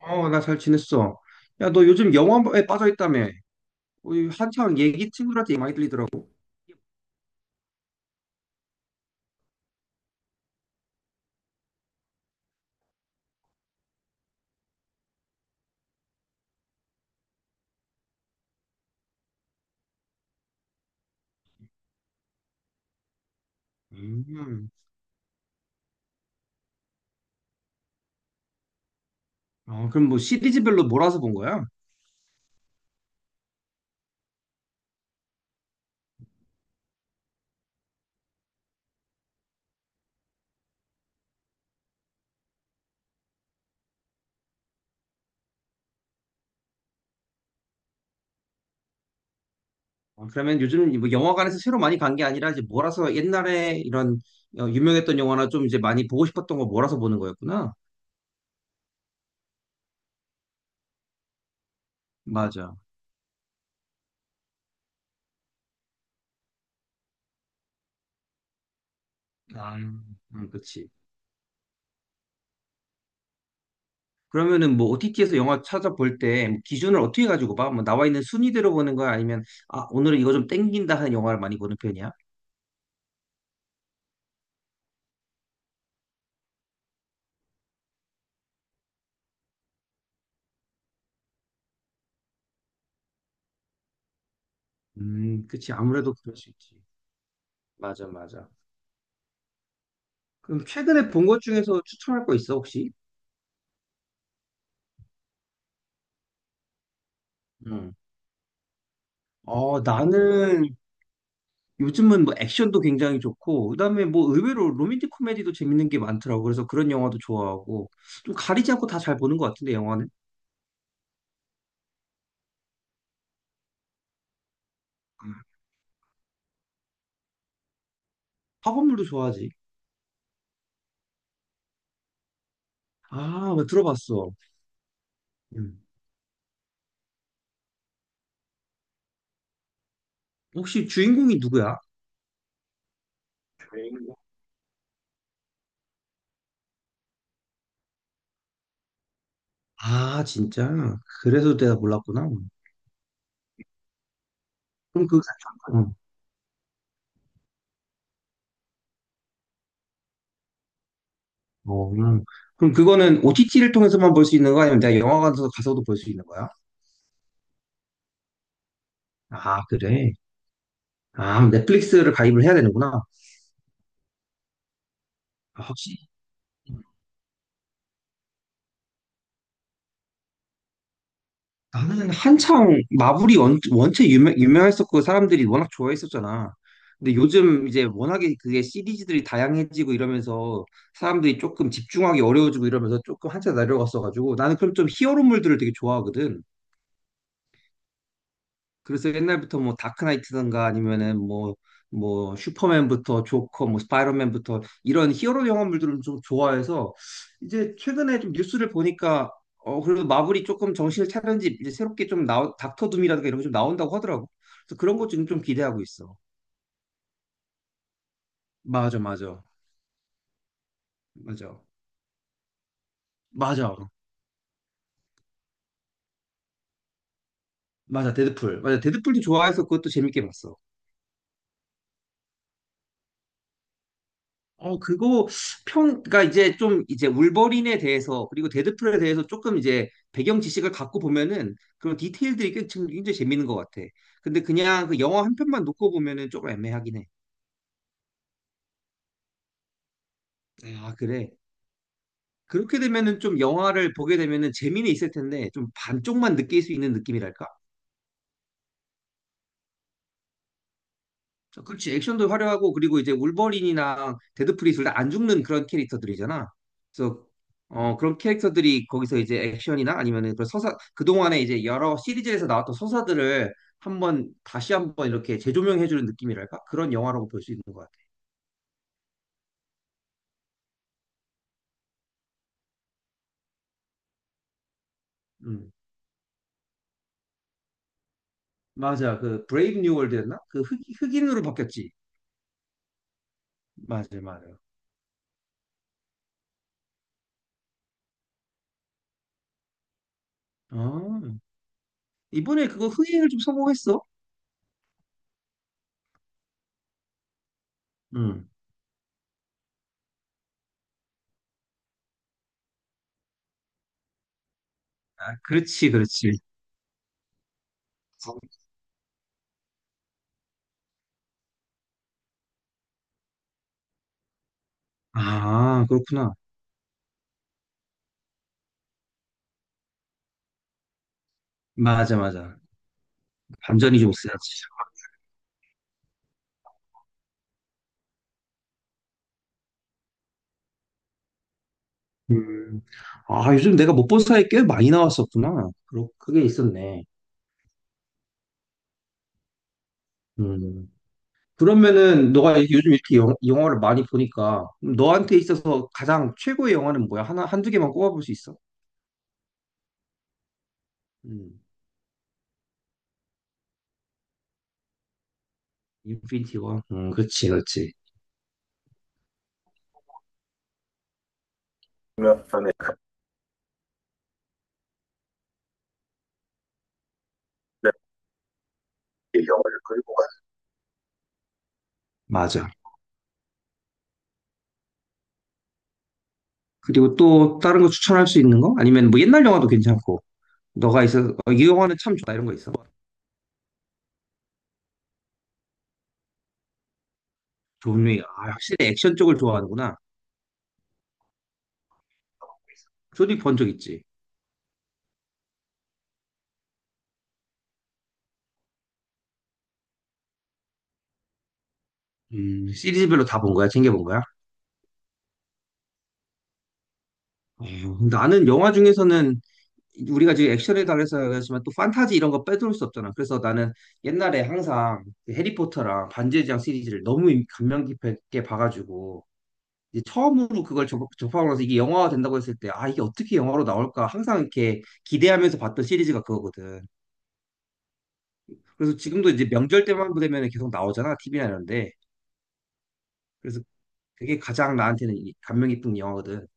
어, 나 잘 지냈어. 야, 너 요즘 영화에 빠져있다며. 우리 한창 얘기 친구들한테 많이 들리더라고. 음. 어, 그럼 뭐 시리즈별로 몰아서 본 거야? 어, 그러면 요즘 뭐 영화관에서 새로 많이 간 게 아니라 이제 몰아서 옛날에 이런 어, 유명했던 영화나 좀 이제 많이 보고 싶었던 거 몰아서 보는 거였구나. 맞아. 아, 그치. 그러면은 뭐 OTT에서 영화 찾아볼 때 뭐 기준을 어떻게 가지고 봐? 뭐 나와 있는 순위대로 보는 거야? 아니면 아, 오늘은 이거 좀 땡긴다 하는 영화를 많이 보는 편이야? 그치. 아무래도 그럴 수 있지. 맞아, 맞아. 그럼 최근에 본 것 중에서 추천할 거 있어, 혹시? 응. 어, 나는 요즘은 뭐 액션도 굉장히 좋고, 그다음에 뭐 의외로 로맨틱 코미디도 재밌는 게 많더라고. 그래서 그런 영화도 좋아하고, 좀 가리지 않고 다 잘 보는 것 같은데, 영화는. 음, 학원물도 좋아하지. 아, 나 들어봤어. 음. 혹시 주인공이 누구야? 주인공. 아, 진짜? 그래서 내가 몰랐구나. 그럼 그, 어, 어, 그럼 그거는 OTT를 통해서만 볼 수 있는 거 아니면 내가 영화관에서 가서도 볼 수 있는 거야? 아, 그래. 아, 넷플릭스를 가입을 해야 되는구나. 아, 확실히. 나는 한창 마블이 원체 유명했었고 그 사람들이 워낙 좋아했었잖아. 근데 요즘 이제 워낙에 그게 시리즈들이 다양해지고 이러면서 사람들이 조금 집중하기 어려워지고 이러면서 조금 한참 내려갔어가지고 나는 그럼 좀 히어로물들을 되게 좋아하거든. 그래서 옛날부터 뭐 다크나이트든가 아니면은 뭐 뭐 슈퍼맨부터 조커, 뭐 스파이더맨부터 이런 히어로 영화물들을 좀 좋아해서 이제 최근에 좀 뉴스를 보니까 어 그래도 마블이 조금 정신을 차린지 이제 새롭게 좀 나온 닥터 둠이라든가 이런 게 좀 나온다고 하더라고. 그래서 그런 것 지금 좀 기대하고 있어. 맞아, 맞아, 맞아, 맞아, 맞아. 데드풀, 맞아. 데드풀도 좋아해서 그것도 재밌게 봤어. 어, 그거 평, 그러니까 이제 좀 이제 울버린에 대해서 그리고 데드풀에 대해서 조금 이제 배경 지식을 갖고 보면은 그런 디테일들이 꽤 지금 굉장히 재밌는 것 같아. 근데 그냥 그 영화 한 편만 놓고 보면은 조금 애매하긴 해. 아, 그래. 그렇게 되면은 좀 영화를 보게 되면은 재미는 있을 텐데 좀 반쪽만 느낄 수 있는 느낌이랄까? 그렇지. 액션도 화려하고 그리고 이제 울버린이나 데드풀이 둘 다 안 죽는 그런 캐릭터들이잖아. 그래서 어 그런 캐릭터들이 거기서 이제 액션이나 아니면은 그 서사 그동안에 이제 여러 시리즈에서 나왔던 서사들을 한번 다시 한번 이렇게 재조명해 주는 느낌이랄까? 그런 영화라고 볼 수 있는 것 같아. 음. 맞아. 그 브레이브 뉴 월드였나? 그 흑인으로 바뀌었지. 맞아, 맞아. 어. 이번에 그거 흑인을 좀 성공했어. 음. 아, 그렇지, 그렇지. 아, 그렇구나. 맞아, 맞아. 반전이 좀 있어야지. 음. 아, 요즘 내가 못 본 사이에 꽤 많이 나왔었구나. 그게 있었네. 음. 그러면은 너가 요즘 이렇게 영화를 많이 보니까 너한테 있어서 가장 최고의 영화는 뭐야? 하나, 한두 개만 꼽아볼 수 있어? 음. 인피니티 워. 그렇지, 그렇지. 그러면 그 영화를 끌고 가. 맞아. 그리고 또 다른 거 추천할 수 있는 거? 아니면 뭐 옛날 영화도 괜찮고. 너가 있어, 어, 이 영화는 참 좋다 이런 거 있어. 존 윅. 아, 확실히 액션 쪽을 좋아하는구나. 존윅 본적 있지? 시리즈별로 다 본 거야? 챙겨본 거야? 어, 나는 영화 중에서는 우리가 지금 액션에 달해서 얘기하지만 또 판타지 이런 거 빼놓을 수 없잖아. 그래서 나는 옛날에 항상 그 해리포터랑 반지의 제왕 시리즈를 너무 감명 깊게 봐가지고 이제 처음으로 그걸 접하고 나서 이게 영화가 된다고 했을 때 아, 이게 어떻게 영화로 나올까 항상 이렇게 기대하면서 봤던 시리즈가 그거거든. 그래서 지금도 이제 명절 때만 되면 계속 나오잖아. TV나 이런데. 그래서 그게 가장 나한테는 감명 깊은 영화거든.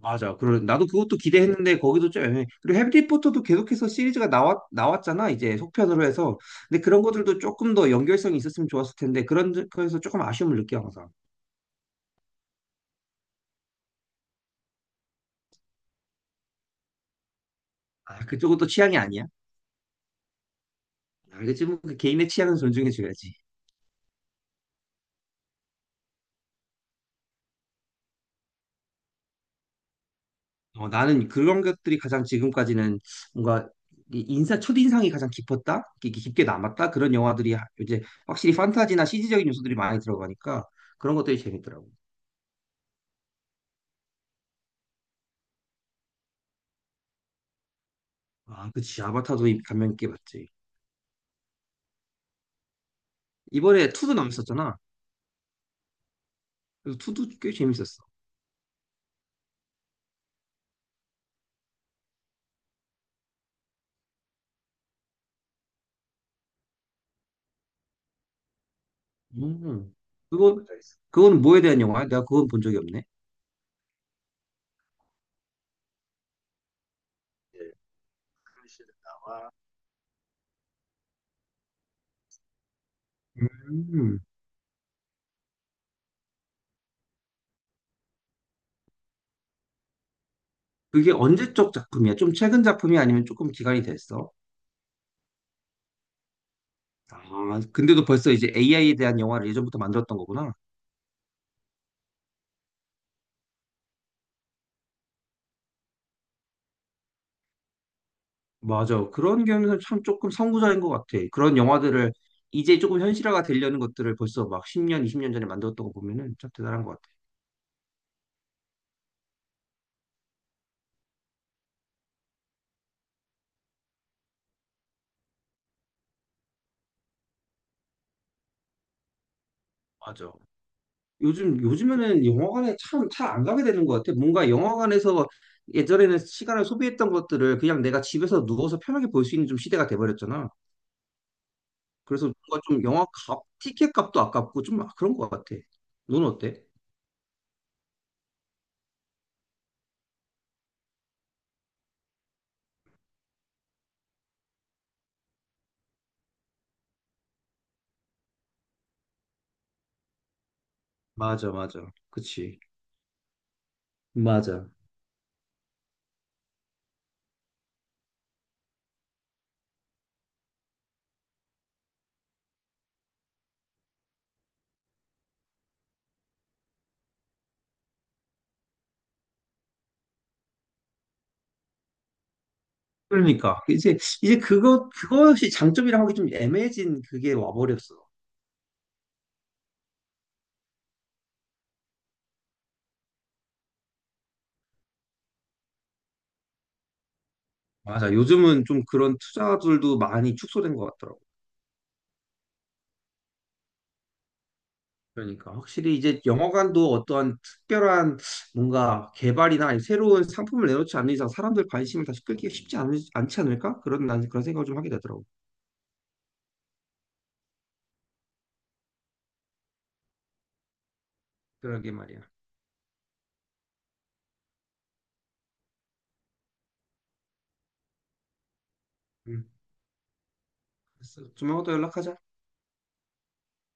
맞아. 그러, 나도 그것도 기대했는데 거기도 좀 애매해. 그리고 해리포터도 계속해서 시리즈가 나왔잖아. 이제 속편으로 해서. 근데 그런 것들도 조금 더 연결성이 있었으면 좋았을 텐데 그런 거에서 조금 아쉬움을 느껴 항상. 아, 그쪽은 또 취향이 아니야. 알겠지. 뭐그 개인의 취향은 존중해줘야지. 어, 나는 그런 것들이 가장 지금까지는 뭔가 이 인사 첫인상이 가장 깊게 남았다 그런 영화들이 이제 확실히 판타지나 CG적인 요소들이 많이 들어가니까 그런 것들이 재밌더라고. 아, 그치. 아바타도 감명 깊게 봤지. 이번에 투도 남았었잖아. 그래서 투도 꽤 재밌었어. 음. 그거, 그거는 뭐에 대한 영화야? 내가 그건 본 적이 없네. 음. 그게 언제적 작품이야? 좀 최근 작품이 아니면 조금 기간이 됐어? 아, 근데도 벌써 이제 AI에 대한 영화를 예전부터 만들었던 거구나. 맞아. 그런 경우는 참 조금 선구자인 것 같아. 그런 영화들을 이제 조금 현실화가 되려는 것들을 벌써 막 10년, 20년 전에 만들었던 거 보면은 참 대단한 것 같아. 맞아. 요즘에는 영화관에 참 잘 안 가게 되는 것 같아. 뭔가 영화관에서 예전에는 시간을 소비했던 것들을 그냥 내가 집에서 누워서 편하게 볼 수 있는 좀 시대가 돼버렸잖아. 그래서 뭔가 좀 영화 값, 티켓 값도 아깝고 좀 그런 것 같아. 넌 어때? 맞아, 맞아. 그치. 맞아. 그러니까. 이제, 이제 그것이 장점이라 하기 좀 애매해진 그게 와버렸어. 맞아. 요즘은 좀 그런 투자들도 많이 축소된 것 같더라고. 그러니까 확실히 이제 영화관도 어떠한 특별한 뭔가 개발이나 아니면 새로운 상품을 내놓지 않는 이상 사람들 관심을 다시 끌기가 쉽지 않지 않을까? 그런 난 그런 생각을 좀 하게 되더라고. 그러게 말이야. 음. 그래서 조만간 또 연락하자.